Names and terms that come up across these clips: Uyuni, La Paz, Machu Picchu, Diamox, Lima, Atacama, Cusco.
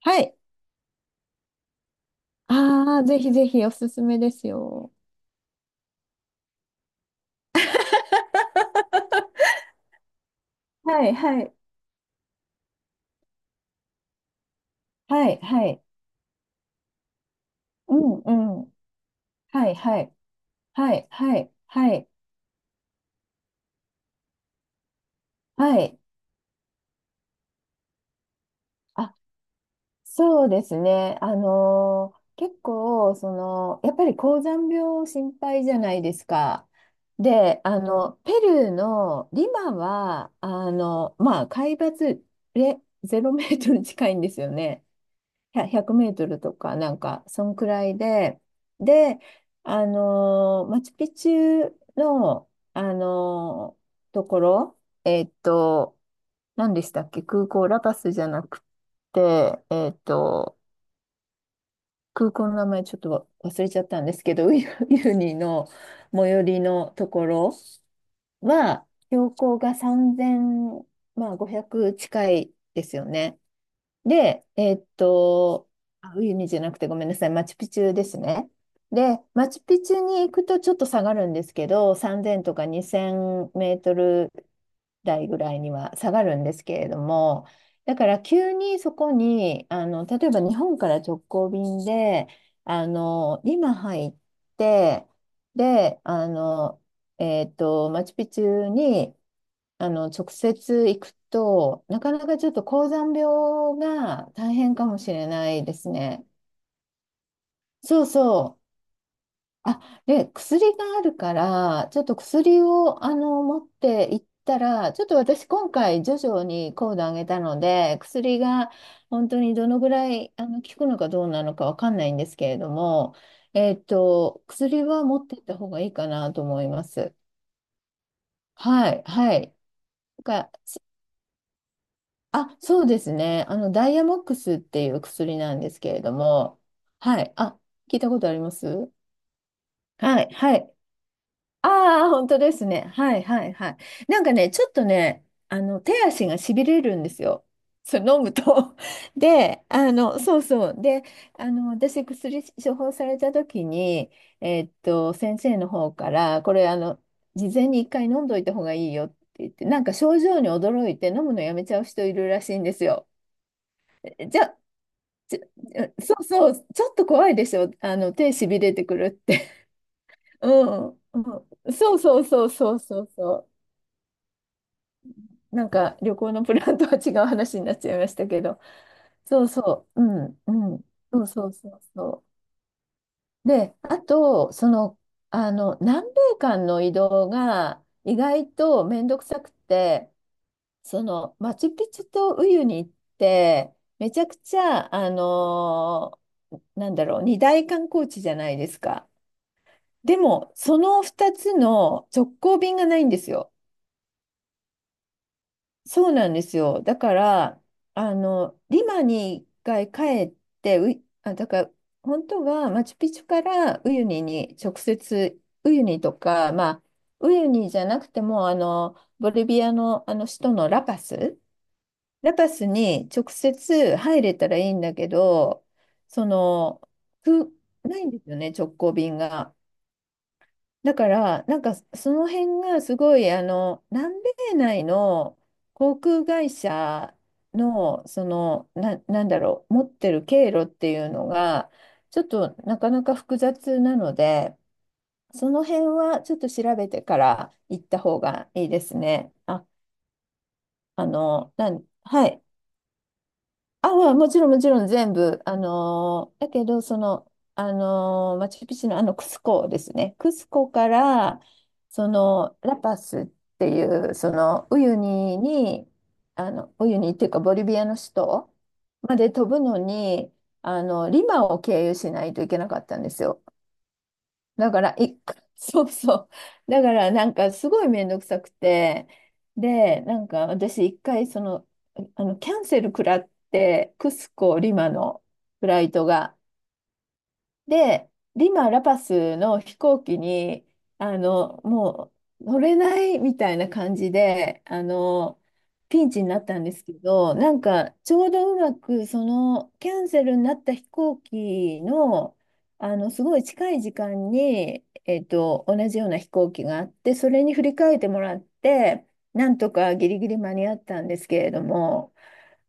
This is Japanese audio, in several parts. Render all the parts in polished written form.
はい。ああ、ぜひぜひおすすめですよ。はい、はい、はい、はい。うん、うん。はい、はい、はい、はい、はい、はい。あ、そうですね。結構、やっぱり高山病心配じゃないですか。で、ペルーのリマは、まあ、海抜0メートル近いんですよね。100メートルとか、なんか、そんくらいで、で、マチュピチュの、ところ、何でしたっけ、空港、ラパスじゃなくて、空港の名前ちょっと忘れちゃったんですけど、ウユユニの最寄りのところは、標高が3 0まあ、500近いですよね。で、あウユニじゃなくてごめんなさい、マチュピチュですね。で、マチュピチュに行くとちょっと下がるんですけど、3000とか2000メートル台ぐらいには下がるんですけれども、だから急にそこに、例えば日本から直行便で、リマ入って、で、マチュピチュに、直接行くと、なかなかちょっと高山病が大変かもしれないですね。そうそう。あ、で、薬があるから、ちょっと薬を、持って行ったら、ちょっと私今回徐々に高度上げたので、薬が本当にどのぐらい、効くのかどうなのかわかんないんですけれども、薬は持って行った方がいいかなと思います。はい、はい。なんかあ、そうですね。ダイヤモックスっていう薬なんですけれども、はい。あ、聞いたことあります。はい、はい。ああ、本当ですね。はい、はい、はい。なんかね、ちょっとね、手足がしびれるんですよ。そう、飲むと。で、そうそう。で、私、薬処方された時に、先生の方から、これ、事前に一回飲んどいた方がいいよって言って、なんか症状に驚いて飲むのやめちゃう人いるらしいんですよ。じゃちょ そうそう、ちょっと怖いでしょ。手しびれてくるって。うん。うんそうそうそうそうそうそう。なんか旅行のプランとは違う話になっちゃいましたけど。そうそう。うん。うん。そうそうそうそう。で、あと、南米間の移動が意外と面倒くさくて、マチュピチュとウユに行って、めちゃくちゃ、なんだろう、二大観光地じゃないですか。でも、その2つの直行便がないんですよ。そうなんですよ。だから、リマに一回帰って、あ、だから、本当はマチュピチュからウユニに直接、ウユニとか、まあ、ウユニじゃなくても、ボリビアの、あの首都のラパス、ラパスに直接入れたらいいんだけど、その、く、ないんですよね、直行便が。だから、なんかその辺がすごい、南米内の航空会社の、なんだろう、持ってる経路っていうのが、ちょっとなかなか複雑なので、その辺はちょっと調べてから行った方がいいですね。あ、はい。あ、うんもちろんもちろん全部。だけど、マチュピチュのクスコですね。クスコから、ラパスっていう、ウユニに、ウユニっていうか、ボリビアの首都まで飛ぶのに、リマを経由しないといけなかったんですよ。だから、そうそう。だから、なんか、すごいめんどくさくて、で、なんか、私、一回、キャンセル食らって、クスコ、リマのフライトが。で、リマ・ラパスの飛行機に、もう乗れないみたいな感じで、ピンチになったんですけど、なんか、ちょうどうまく、キャンセルになった飛行機の、すごい近い時間に、同じような飛行機があって、それに振り替えてもらって、なんとかギリギリ間に合ったんですけれども、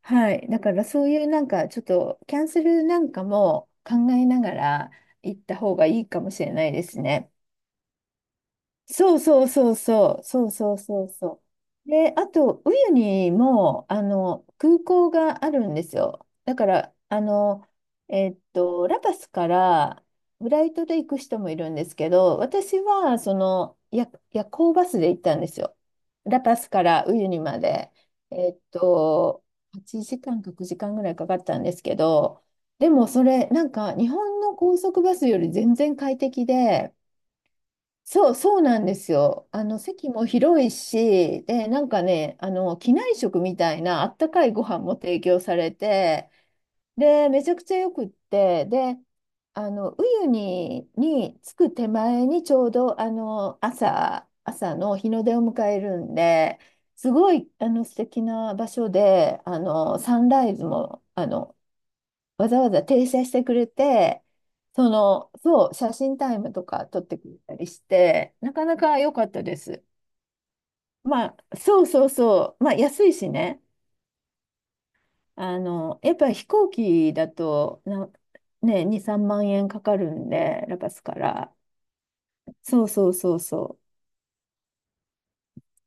はい、だからそういうなんかちょっとキャンセルなんかも考えながら行った方がいいかもしれないですね。そうそうそうそう、そうそうそうそう。で、あと、ウユニも、空港があるんですよ。だから、ラパスからフライトで行く人もいるんですけど、私は、夜行バスで行ったんですよ。ラパスからウユニまで。えっと、8時間か9時間ぐらいかかったんですけど、でもそれ、なんか、日本の高速バスより全然快適で、そう、そうなんですよ。席も広いし、で、なんかね、機内食みたいなあったかいご飯も提供されて、で、めちゃくちゃよくって、で、ウユニに着く手前にちょうど、朝の日の出を迎えるんで、すごい、素敵な場所で、サンライズも、わざわざ停車してくれて、そう、写真タイムとか撮ってくれたりして、なかなか良かったです。まあ、そうそうそう、まあ、安いしね、やっぱり飛行機だとな、ね、2、3万円かかるんで、ラパスから。そうそうそうそ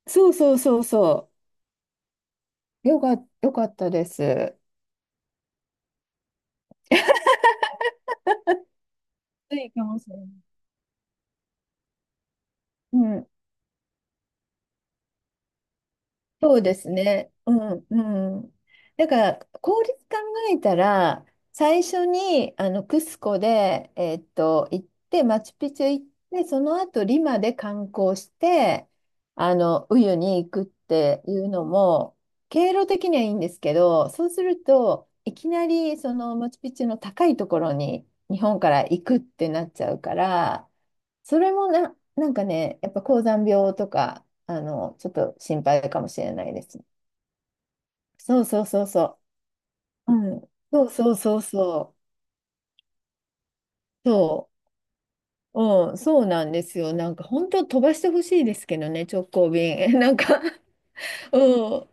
う。そうそうそうそう。よかったです。ついかもしれない。うん、そうですね。うん、うん。だから、効率考えたら、最初にあのクスコで、行って、マチュピチュ行って、その後リマで観光して、ウユに行くっていうのも、経路的にはいいんですけど、そうすると、いきなりそのマチュピチュの高いところに日本から行くってなっちゃうから、それもな、なんかね、やっぱ高山病とか、ちょっと心配かもしれないです。そうそうそうそう。うん。そうそうそうそう。そう。うん、そうなんですよ。なんか本当飛ばしてほしいですけどね、直行便。なんか、うん。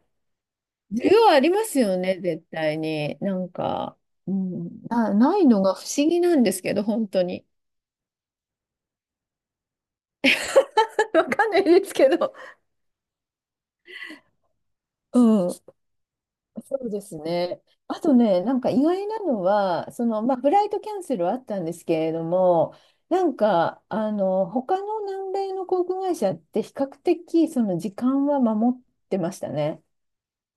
需要ありますよね、絶対に。なんか、うん、ないのが不思議なんですけど、本当に。わかんないですけど。うん。そうですね。あとね、なんか意外なのは、まあ、フライトキャンセルはあったんですけれども、なんか、他の南米の航空会社って比較的、その時間は守ってましたね。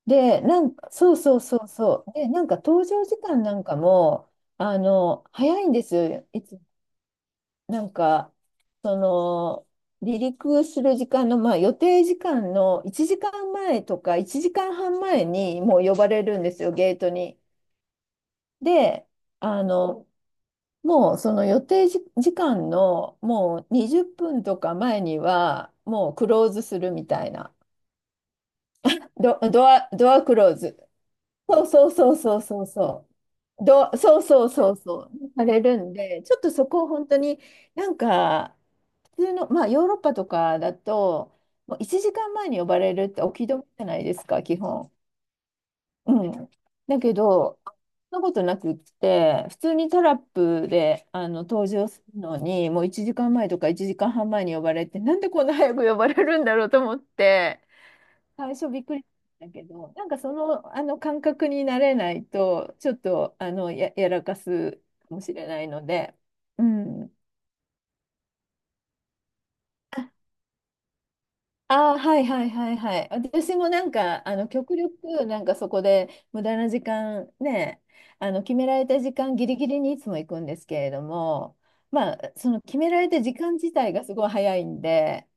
で、なんか、そうそうそうそう。で、なんか搭乗時間なんかも、早いんですよ。なんか、その、離陸する時間の、まあ、予定時間の1時間前とか1時間半前にもう呼ばれるんですよ、ゲートに。で、あの、もうその予定時、時間のもう20分とか前にはもうクローズするみたいな。ドアクローズ。そうそうそうそうそうそう。ドア、そうそうそうそう。されるんで、ちょっとそこを本当になんか、普通の、まあ、ヨーロッパとかだと、もう1時間前に呼ばれるってお気止めじゃないですか、基本。うん。だけど、そんなことなくって、普通にタラップで登場するのに、もう1時間前とか1時間半前に呼ばれて、なんでこんな早く呼ばれるんだろうと思って、最初びっくりしたんだけど、なんかその、あの感覚になれないと、ちょっとやらかすかもしれないので、うん。ああ、はいはいはいはい。私もなんか、極力、なんかそこで無駄な時間ね、決められた時間ギリギリにいつも行くんですけれども、まあ、その決められた時間自体がすごい早いんで、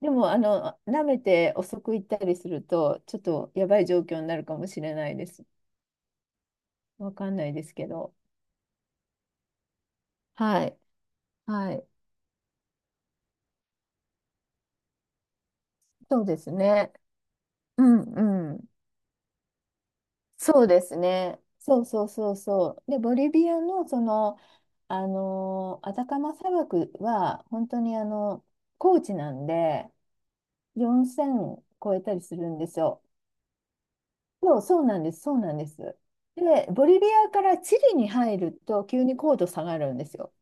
でも、舐めて遅く行ったりすると、ちょっとやばい状況になるかもしれないです。わかんないですけど。はい。はい。そうですね。うんうん。そうですね。そうそうそうそう。で、ボリビアのアタカマ砂漠は本当に高地なんで4000超えたりするんですよ。そう、そうなんです、そうなんです。で、ボリビアからチリに入ると急に高度下がるんですよ。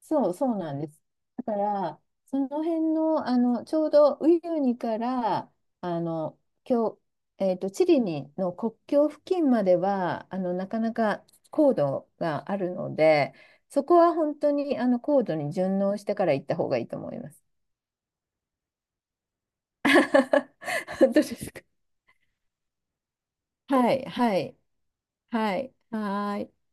そう、そうなんです。だから、その辺の、ちょうどウユニから、あの、今日、チリにの国境付近までは、なかなか高度があるので、そこは本当に、高度に順応してから行った方がいいと思います。本当ですか。はい、はい、はい、はーい。